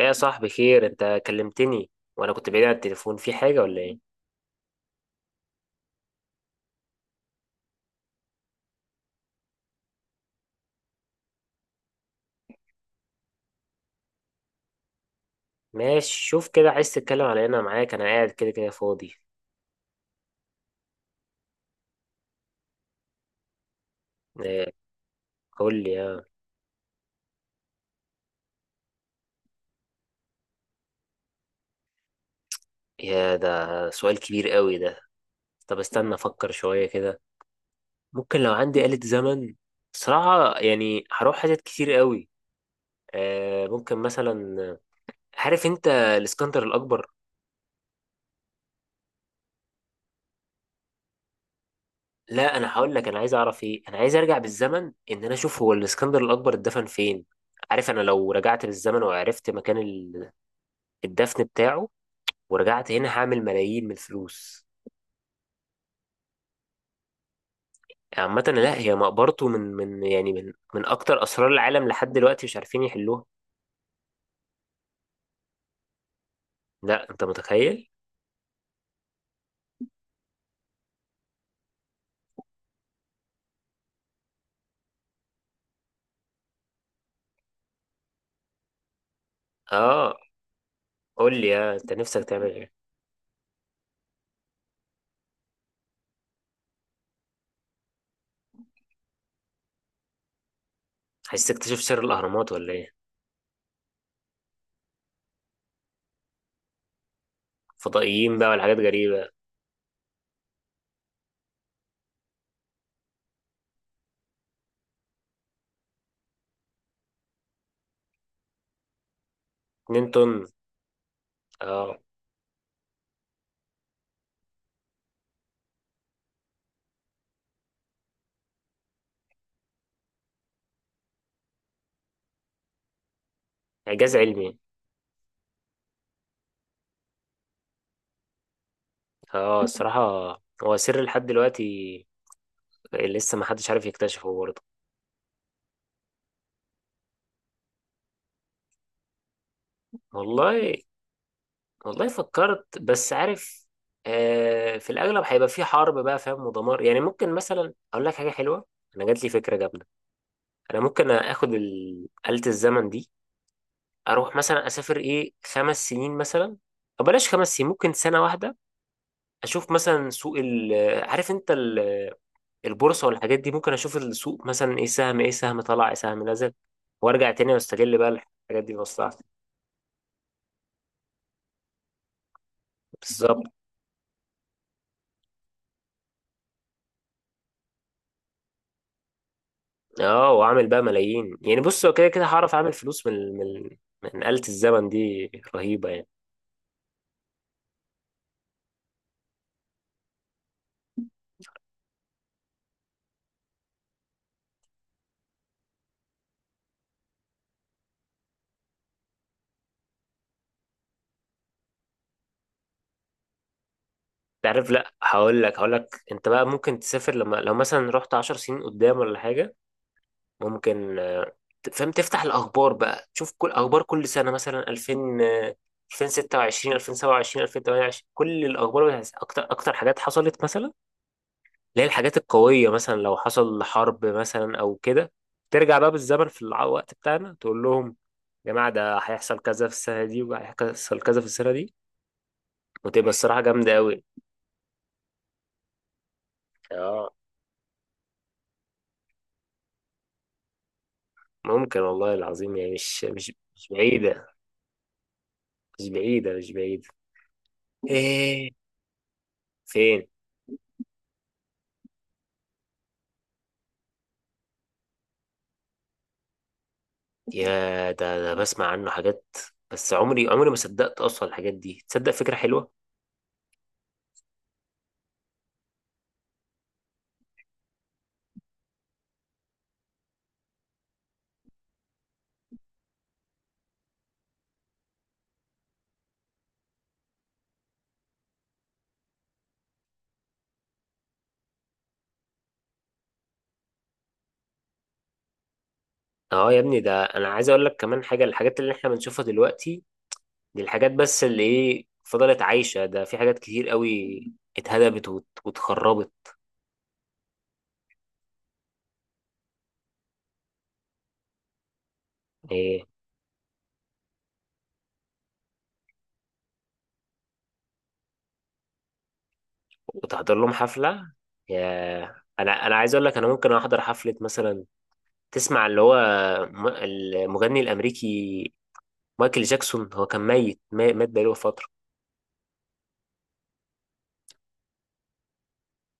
ايه يا صاحبي، خير؟ انت كلمتني وانا كنت بعيد عن التليفون، في حاجة ولا ايه؟ ماشي، شوف كده، عايز تتكلم على ايه؟ انا معاك، انا قاعد كده كده فاضي. ايه، قول لي. يا ده سؤال كبير قوي ده. طب استنى افكر شوية كده. ممكن لو عندي آلة زمن، صراحة يعني هروح حاجات كتير قوي. اه ممكن مثلا، عارف انت الاسكندر الاكبر؟ لا، انا هقول لك انا عايز اعرف ايه. انا عايز ارجع بالزمن ان انا اشوف هو الاسكندر الاكبر اتدفن فين. عارف، انا لو رجعت بالزمن وعرفت مكان الدفن بتاعه ورجعت هنا، هعمل ملايين من الفلوس. عامة لا، هي مقبرته من يعني من أكتر أسرار العالم، لحد دلوقتي مش عارفين يحلوها. لا، أنت متخيل؟ آه، قول لي. يا أنت، نفسك تعمل إيه؟ عايز تكتشف سر الأهرامات ولا إيه؟ فضائيين بقى ولا حاجات غريبة؟ 2 طن. آه. إعجاز علمي. آه. الصراحة، هو سر لحد دلوقتي، لسه ما حدش عارف يكتشفه برضه. والله، والله فكرت، بس عارف. في الأغلب هيبقى في حرب، بقى فاهم، ودمار. يعني ممكن مثلا أقول لك حاجة حلوة. أنا جات لي فكرة جامدة. أنا ممكن آخد آلة الزمن دي، أروح مثلا أسافر إيه، 5 سنين مثلا. أو بلاش 5 سنين، ممكن سنة واحدة. أشوف مثلا سوق عارف أنت البورصة والحاجات دي. ممكن أشوف السوق مثلا، إيه سهم، إيه سهم طلع، إيه سهم نزل، وأرجع تاني وأستغل بقى الحاجات دي في مصلحتي. بالظبط. اه، واعمل بقى ملايين يعني. بص، هو كده كده هعرف اعمل فلوس من آلة الزمن دي، رهيبة يعني. تعرف، لا هقول لك، انت بقى ممكن تسافر، لما لو مثلا رحت 10 سنين قدام ولا حاجة. ممكن. فاهم، تفتح الاخبار بقى تشوف كل اخبار كل سنة، مثلا 2000، آه، 2026، 2027، 2028، كل الاخبار اكتر اكتر حاجات حصلت مثلا، اللي هي الحاجات القوية، مثلا لو حصل حرب مثلا أو كده. ترجع بقى بالزمن في الوقت بتاعنا، تقول لهم: يا جماعة، ده هيحصل كذا في السنة دي، وهيحصل كذا في السنة دي. وتبقى الصراحة جامدة أوي. اه ممكن، والله العظيم يعني مش بعيدة. مش بعيدة، مش بعيدة. ايه؟ فين؟ يا، ده بسمع عنه حاجات، بس عمري عمري ما صدقت اصلا الحاجات دي تصدق. فكرة حلوة. اه يا ابني، ده انا عايز اقول لك كمان حاجة. الحاجات اللي احنا بنشوفها دلوقتي، دي الحاجات بس اللي ايه فضلت عايشة، ده في حاجات كتير قوي اتهدمت واتخربت. ايه؟ وتحضر لهم حفلة؟ يا، انا عايز اقول لك، انا ممكن احضر حفلة مثلا. تسمع اللي هو المغني الامريكي مايكل جاكسون، هو كان ميت، مات بقاله فترة.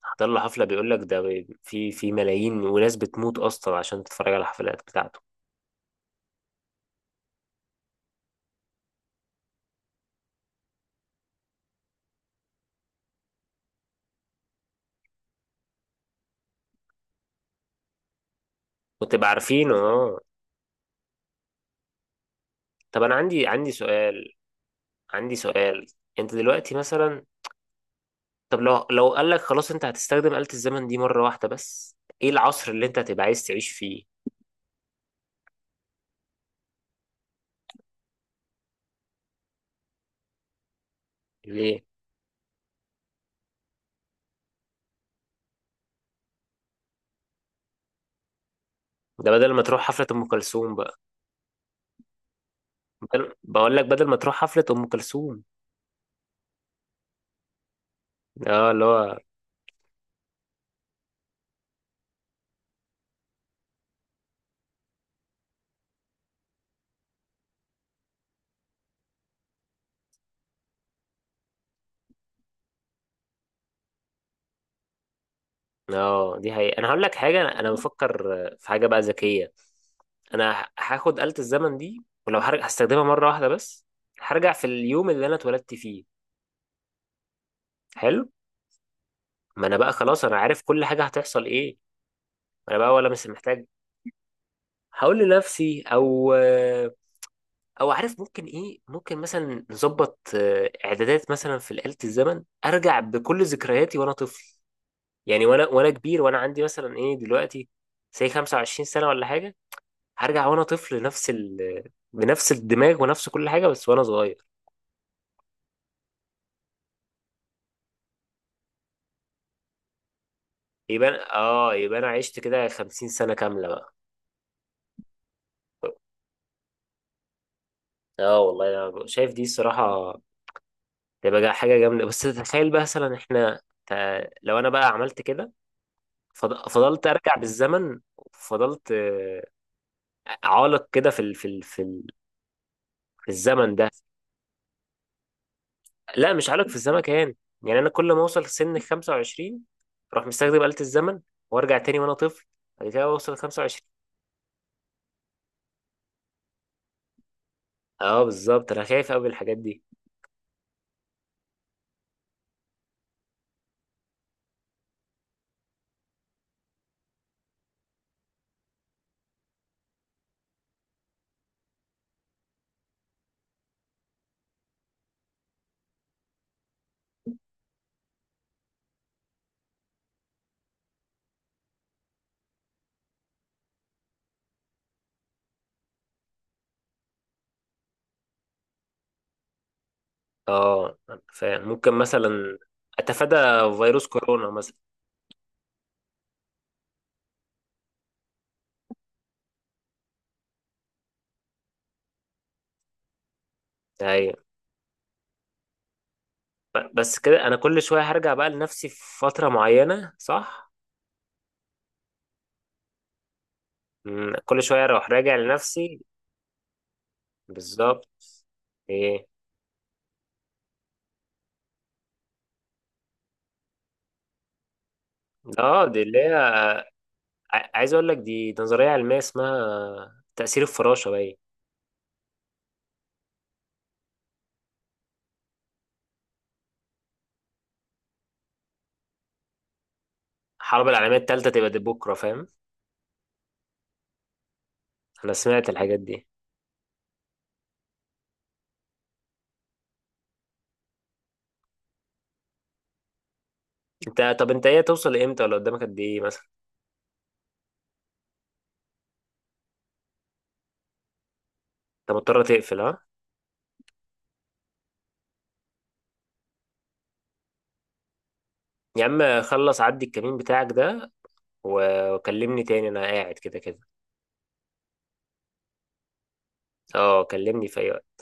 احضر له حفلة، بيقول لك ده في ملايين، وناس بتموت اصلا عشان تتفرج على الحفلات بتاعته. وتبقى عارفين. اه، طب انا عندي سؤال. عندي سؤال. انت دلوقتي مثلا، طب لو قال لك خلاص انت هتستخدم آلة الزمن دي مرة واحدة بس، ايه العصر اللي انت هتبقى عايز تعيش فيه؟ ليه؟ ده بدل ما تروح حفلة ام كلثوم بقى. بقول لك، بدل ما تروح حفلة ام كلثوم. اه اللي هو، اه دي حقيقة. انا هقول لك حاجة، أنا بفكر في حاجة بقى ذكية. انا هاخد آلة الزمن دي، ولو هرجع هستخدمها مرة واحدة بس، هرجع في اليوم اللي انا اتولدت فيه. حلو، ما انا بقى خلاص، انا عارف كل حاجة هتحصل ايه. انا بقى، ولا مش محتاج. هقول لنفسي، او عارف ممكن ايه، ممكن مثلا نظبط اعدادات مثلا في آلة الزمن، ارجع بكل ذكرياتي وانا طفل. يعني وانا كبير، وانا عندي مثلا ايه دلوقتي، زي 25 سنة ولا حاجة. هرجع وانا طفل، نفس ال بنفس الدماغ ونفس كل حاجة، بس وانا صغير. يبقى يبقى انا عشت كده 50 سنة كاملة بقى. اه والله انا شايف دي، الصراحة تبقى حاجة جامدة. بس تخيل بقى مثلا، احنا لو انا بقى عملت كده، فضلت ارجع بالزمن، فضلت عالق كده في الزمن ده. لا، مش عالق في الزمن كمان، يعني انا كل ما اوصل سن 25، اروح مستخدم آلة الزمن وارجع تاني وانا طفل، بعد كده اوصل 25. اه بالظبط، انا خايف قوي من الحاجات دي. اه، فممكن مثلا اتفادى فيروس كورونا مثلا. ايوه، بس كده انا كل شويه هرجع بقى لنفسي في فتره معينه، صح؟ كل شويه اروح راجع لنفسي. بالظبط. ايه، اه دي اللي هي عايز اقول لك، دي نظريه علميه اسمها تاثير الفراشه، باين. الحرب العالميه الثالثه تبقى دي بكره، فاهم. انا سمعت الحاجات دي. انت، طب انت ايه، توصل لامتى ولا قدامك قد ايه مثلا؟ انت مضطر تقفل؟ ها؟ يا عم خلص، عدي الكمين بتاعك ده وكلمني تاني، انا قاعد كده كده. اه، كلمني في اي وقت.